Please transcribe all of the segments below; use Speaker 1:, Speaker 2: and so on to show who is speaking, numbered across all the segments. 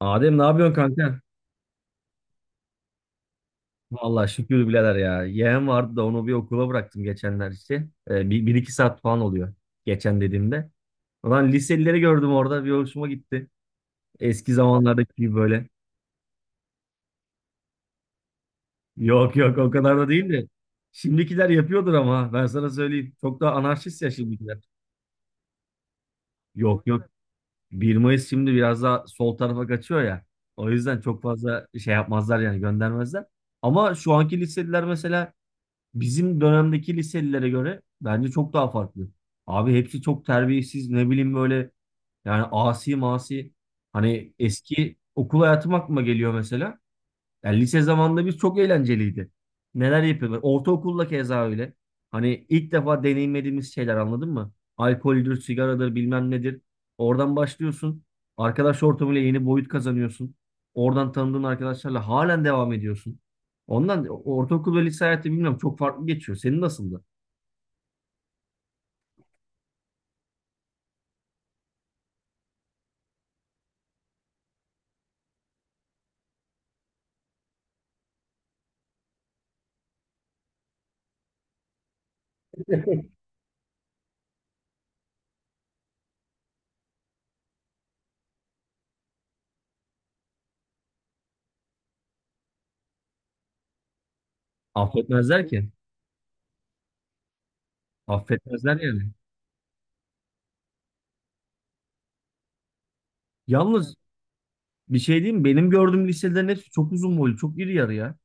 Speaker 1: Adem ne yapıyorsun kanka? Vallahi şükür birader ya. Yeğen vardı da onu bir okula bıraktım geçenler işte. Bir iki saat falan oluyor. Geçen dediğimde. Ulan liselileri gördüm orada. Bir hoşuma gitti. Eski zamanlardaki gibi böyle. Yok yok, o kadar da değil de. Şimdikiler yapıyordur ama ben sana söyleyeyim. Çok daha anarşist ya şimdikiler. Yok yok. 1 Mayıs şimdi biraz daha sol tarafa kaçıyor ya. O yüzden çok fazla şey yapmazlar, yani göndermezler. Ama şu anki liseliler mesela bizim dönemdeki liselilere göre bence çok daha farklı. Abi hepsi çok terbiyesiz, ne bileyim böyle, yani asi masi. Hani eski okul hayatım aklıma geliyor mesela. Yani lise zamanında biz çok eğlenceliydi. Neler yapıyorduk. Ortaokulda keza öyle. Hani ilk defa deneyimlediğimiz şeyler, anladın mı? Alkoldür, sigaradır, bilmem nedir. Oradan başlıyorsun. Arkadaş ortamıyla yeni boyut kazanıyorsun. Oradan tanıdığın arkadaşlarla halen devam ediyorsun. Ondan ortaokul ve lise hayatı bilmiyorum, çok farklı geçiyor. Senin nasıldı? Affetmezler ki. Affetmezler yani. Yalnız bir şey diyeyim mi? Benim gördüğüm liselerin hepsi çok uzun boylu, çok iri yarı ya.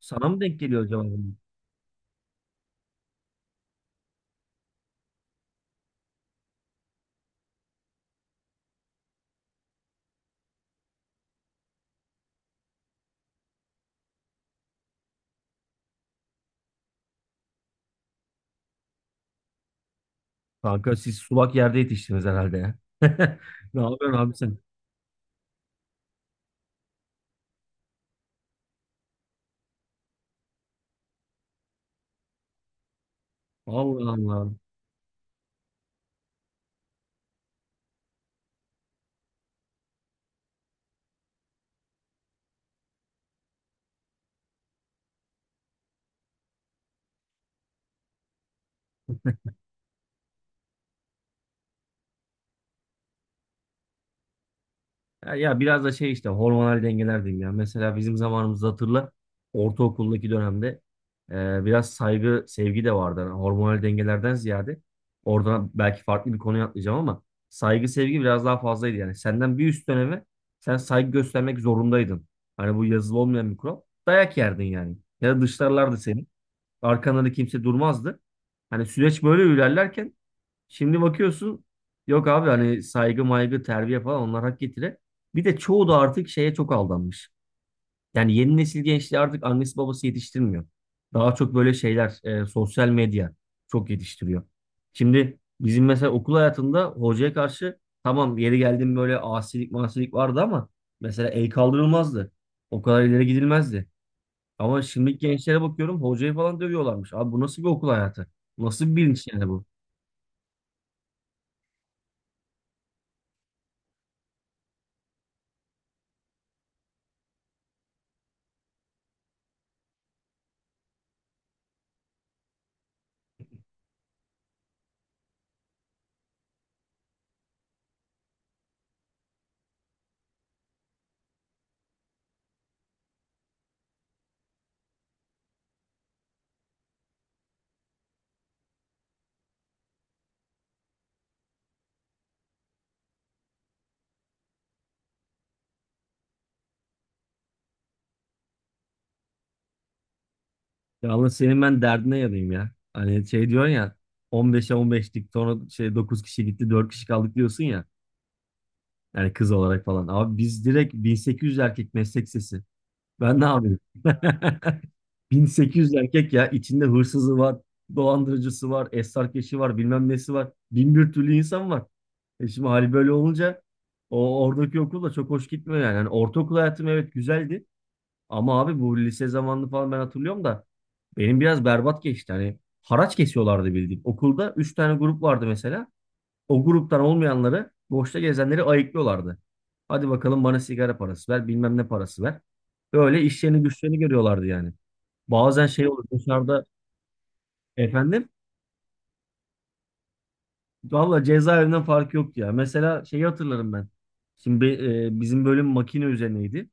Speaker 1: Sana mı denk geliyor acaba? Kanka siz sulak yerde yetiştiniz herhalde ya. Ne yapıyorsun abi sen? Allah Allah. Ya biraz da şey işte, hormonal dengeler diyeyim ya. Mesela bizim zamanımızda hatırla, ortaokuldaki dönemde biraz saygı, sevgi de vardı. Yani hormonal dengelerden ziyade oradan belki farklı bir konuya atlayacağım ama saygı, sevgi biraz daha fazlaydı yani. Senden bir üst döneme sen saygı göstermek zorundaydın. Hani bu yazılı olmayan bir kural. Dayak yerdin yani. Ya da dışlarlardı seni. Arkanda da kimse durmazdı. Hani süreç böyle ilerlerken şimdi bakıyorsun, yok abi hani saygı maygı terbiye falan, onlar hak getire. Bir de çoğu da artık şeye çok aldanmış. Yani yeni nesil gençliği artık annesi babası yetiştirmiyor. Daha çok böyle şeyler, sosyal medya çok yetiştiriyor. Şimdi bizim mesela okul hayatında hocaya karşı, tamam yeri geldim böyle asilik masilik vardı ama mesela el kaldırılmazdı. O kadar ileri gidilmezdi. Ama şimdiki gençlere bakıyorum, hocayı falan dövüyorlarmış. Abi bu nasıl bir okul hayatı? Nasıl bir bilinç yani bu? Ya Allah, senin ben derdine yanayım ya. Hani şey diyorsun ya, 15'e 15'lik sonra şey 9 kişi gitti 4 kişi kaldık diyorsun ya. Yani kız olarak falan. Abi biz direkt 1800 erkek meslek lisesi. Ben ne yapayım? 1800 erkek ya, içinde hırsızı var, dolandırıcısı var, esrarkeşi var, bilmem nesi var. Bin bir türlü insan var. Şimdi hali böyle olunca o oradaki okul da çok hoş gitmiyor yani. Hani ortaokul hayatım evet güzeldi ama abi bu lise zamanını falan ben hatırlıyorum da benim biraz berbat geçti. Hani haraç kesiyorlardı bildiğin. Okulda 3 tane grup vardı mesela. O gruptan olmayanları, boşta gezenleri ayıklıyorlardı. Hadi bakalım bana sigara parası ver, bilmem ne parası ver. Böyle işlerini güçlerini görüyorlardı yani. Bazen şey olur dışarıda. Efendim. Valla cezaevinden farkı yok ya. Mesela şeyi hatırlarım ben. Şimdi bizim bölüm makine üzerineydi.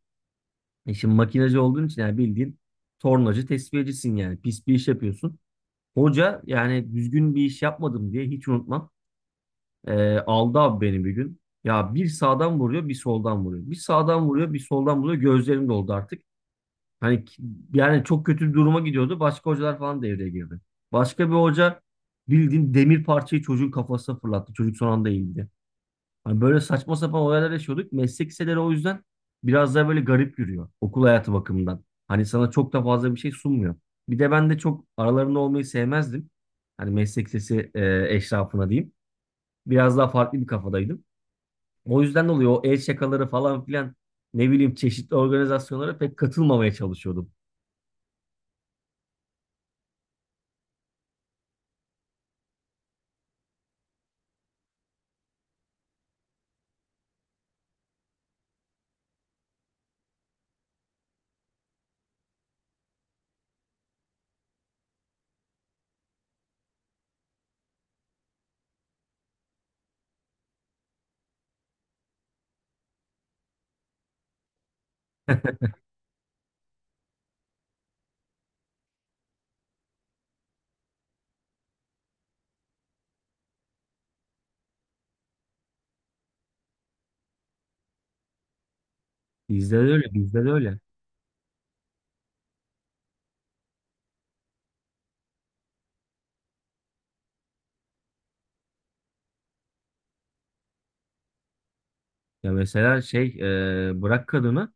Speaker 1: Şimdi makinacı olduğun için yani bildiğin tornacı tesviyecisin yani. Pis bir iş yapıyorsun. Hoca yani düzgün bir iş yapmadım diye hiç unutmam. Aldı abi beni bir gün. Ya bir sağdan vuruyor bir soldan vuruyor. Bir sağdan vuruyor bir soldan vuruyor. Gözlerim doldu artık. Hani yani çok kötü bir duruma gidiyordu. Başka hocalar falan devreye girdi. Başka bir hoca bildiğin demir parçayı çocuğun kafasına fırlattı. Çocuk son anda eğildi. Hani böyle saçma sapan olaylar yaşıyorduk. Meslek liseleri o yüzden biraz daha böyle garip yürüyor okul hayatı bakımından. Hani sana çok da fazla bir şey sunmuyor. Bir de ben de çok aralarında olmayı sevmezdim. Hani meslek lisesi eşrafına diyeyim. Biraz daha farklı bir kafadaydım. O yüzden dolayı o el şakaları falan filan, ne bileyim, çeşitli organizasyonlara pek katılmamaya çalışıyordum. Bizde de öyle, bizde de öyle. Ya mesela şey, bırak kadını,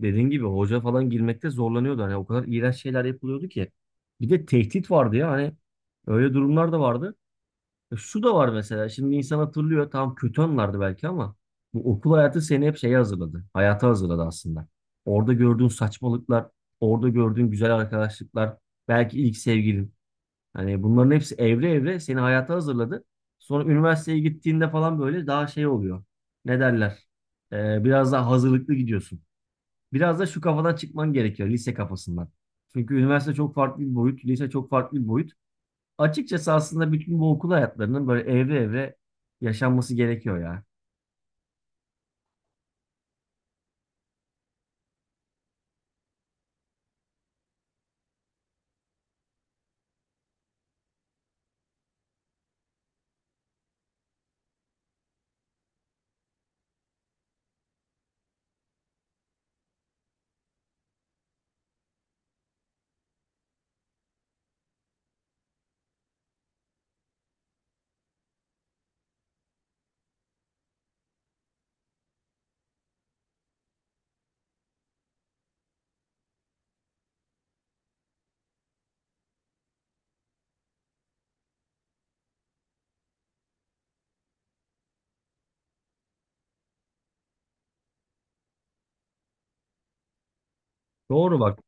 Speaker 1: dediğin gibi hoca falan girmekte zorlanıyordu. Hani o kadar iğrenç şeyler yapılıyordu ki. Bir de tehdit vardı ya hani, öyle durumlar da vardı. Şu da var mesela, şimdi insan hatırlıyor tam kötü anlardı belki ama bu okul hayatı seni hep şeye hazırladı. Hayata hazırladı aslında. Orada gördüğün saçmalıklar, orada gördüğün güzel arkadaşlıklar, belki ilk sevgilin. Hani bunların hepsi evre evre seni hayata hazırladı. Sonra üniversiteye gittiğinde falan böyle daha şey oluyor. Ne derler? Biraz daha hazırlıklı gidiyorsun. Biraz da şu kafadan çıkman gerekiyor, lise kafasından. Çünkü üniversite çok farklı bir boyut, lise çok farklı bir boyut. Açıkçası aslında bütün bu okul hayatlarının böyle evre evre yaşanması gerekiyor ya. Doğru bak.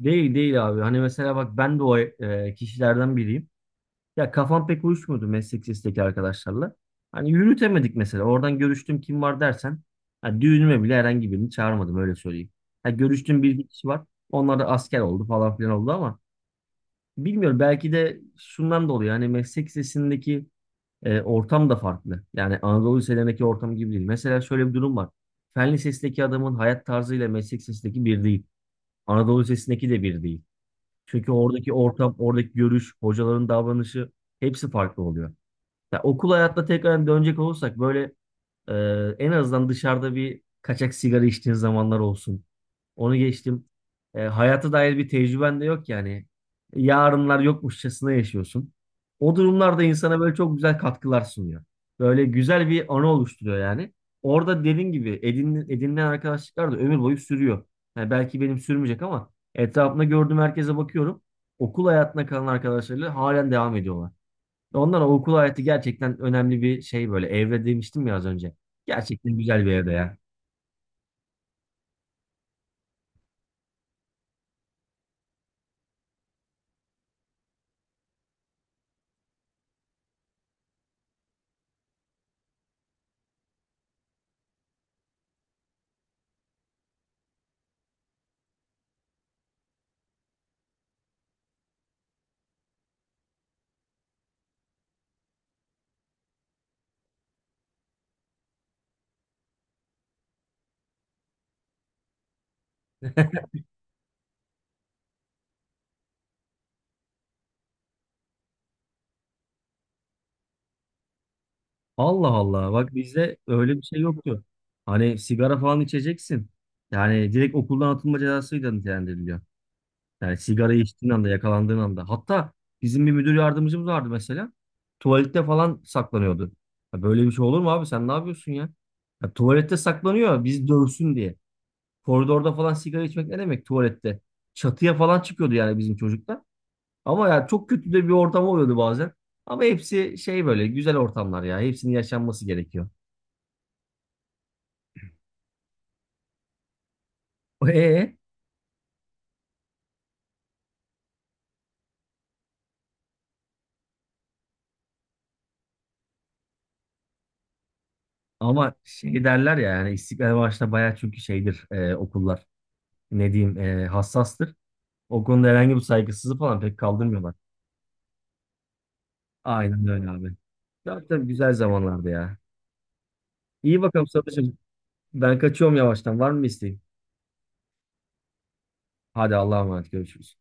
Speaker 1: Değil değil abi. Hani mesela bak, ben de o kişilerden biriyim. Ya kafam pek uyuşmuyordu meslek lisesteki arkadaşlarla. Hani yürütemedik mesela. Oradan görüştüm kim var dersen. Ha, düğünüme bile herhangi birini çağırmadım, öyle söyleyeyim. Ha, görüştüğüm bir iki kişi var. Onlar da asker oldu falan filan oldu ama bilmiyorum, belki de şundan dolayı yani meslek lisesindeki ortam da farklı. Yani Anadolu liselerindeki ortam gibi değil. Mesela şöyle bir durum var. Fen lisesindeki adamın hayat tarzıyla meslek lisesindeki bir değil. Anadolu lisesindeki de bir değil. Çünkü oradaki ortam, oradaki görüş, hocaların davranışı, hepsi farklı oluyor. Ya okul hayatta tekrar dönecek olursak böyle, e, en azından dışarıda bir kaçak sigara içtiğin zamanlar olsun. Onu geçtim. Hayata dair bir tecrüben de yok yani. Yarınlar yokmuşçasına yaşıyorsun. O durumlarda insana böyle çok güzel katkılar sunuyor. Böyle güzel bir anı oluşturuyor yani. Orada dediğin gibi edinilen arkadaşlıklar da ömür boyu sürüyor. Yani belki benim sürmeyecek ama etrafımda gördüğüm herkese bakıyorum. Okul hayatına kalan arkadaşlarıyla halen devam ediyorlar. Ondan o okul hayatı gerçekten önemli bir şey böyle. Evre demiştim ya az önce. Gerçekten güzel bir evre ya. Allah Allah. Bak bizde öyle bir şey yoktu. Hani sigara falan içeceksin. Yani direkt okuldan atılma cezasıyla nitelendiriliyor. Yani sigara içtiğin anda, yakalandığın anda. Hatta bizim bir müdür yardımcımız vardı mesela. Tuvalette falan saklanıyordu. Ya böyle bir şey olur mu abi? Sen ne yapıyorsun ya? Ya tuvalette saklanıyor biz dövsün diye. Koridorda falan sigara içmek ne demek, tuvalette? Çatıya falan çıkıyordu yani bizim çocuklar. Ama ya çok kötü de bir ortam oluyordu bazen. Ama hepsi şey böyle güzel ortamlar ya. Hepsinin yaşanması gerekiyor. E e, Ama şey derler ya, yani İstiklal Marşı'nda bayağı çünkü şeydir okullar. Ne diyeyim hassastır. O konuda herhangi bir saygısızlık falan pek kaldırmıyorlar. Aynen öyle abi. Tabii tabii güzel zamanlardı ya. İyi bakalım Sadıç'ım. Ben kaçıyorum yavaştan. Var mı bir isteğin? Hadi Allah'a emanet. Görüşürüz.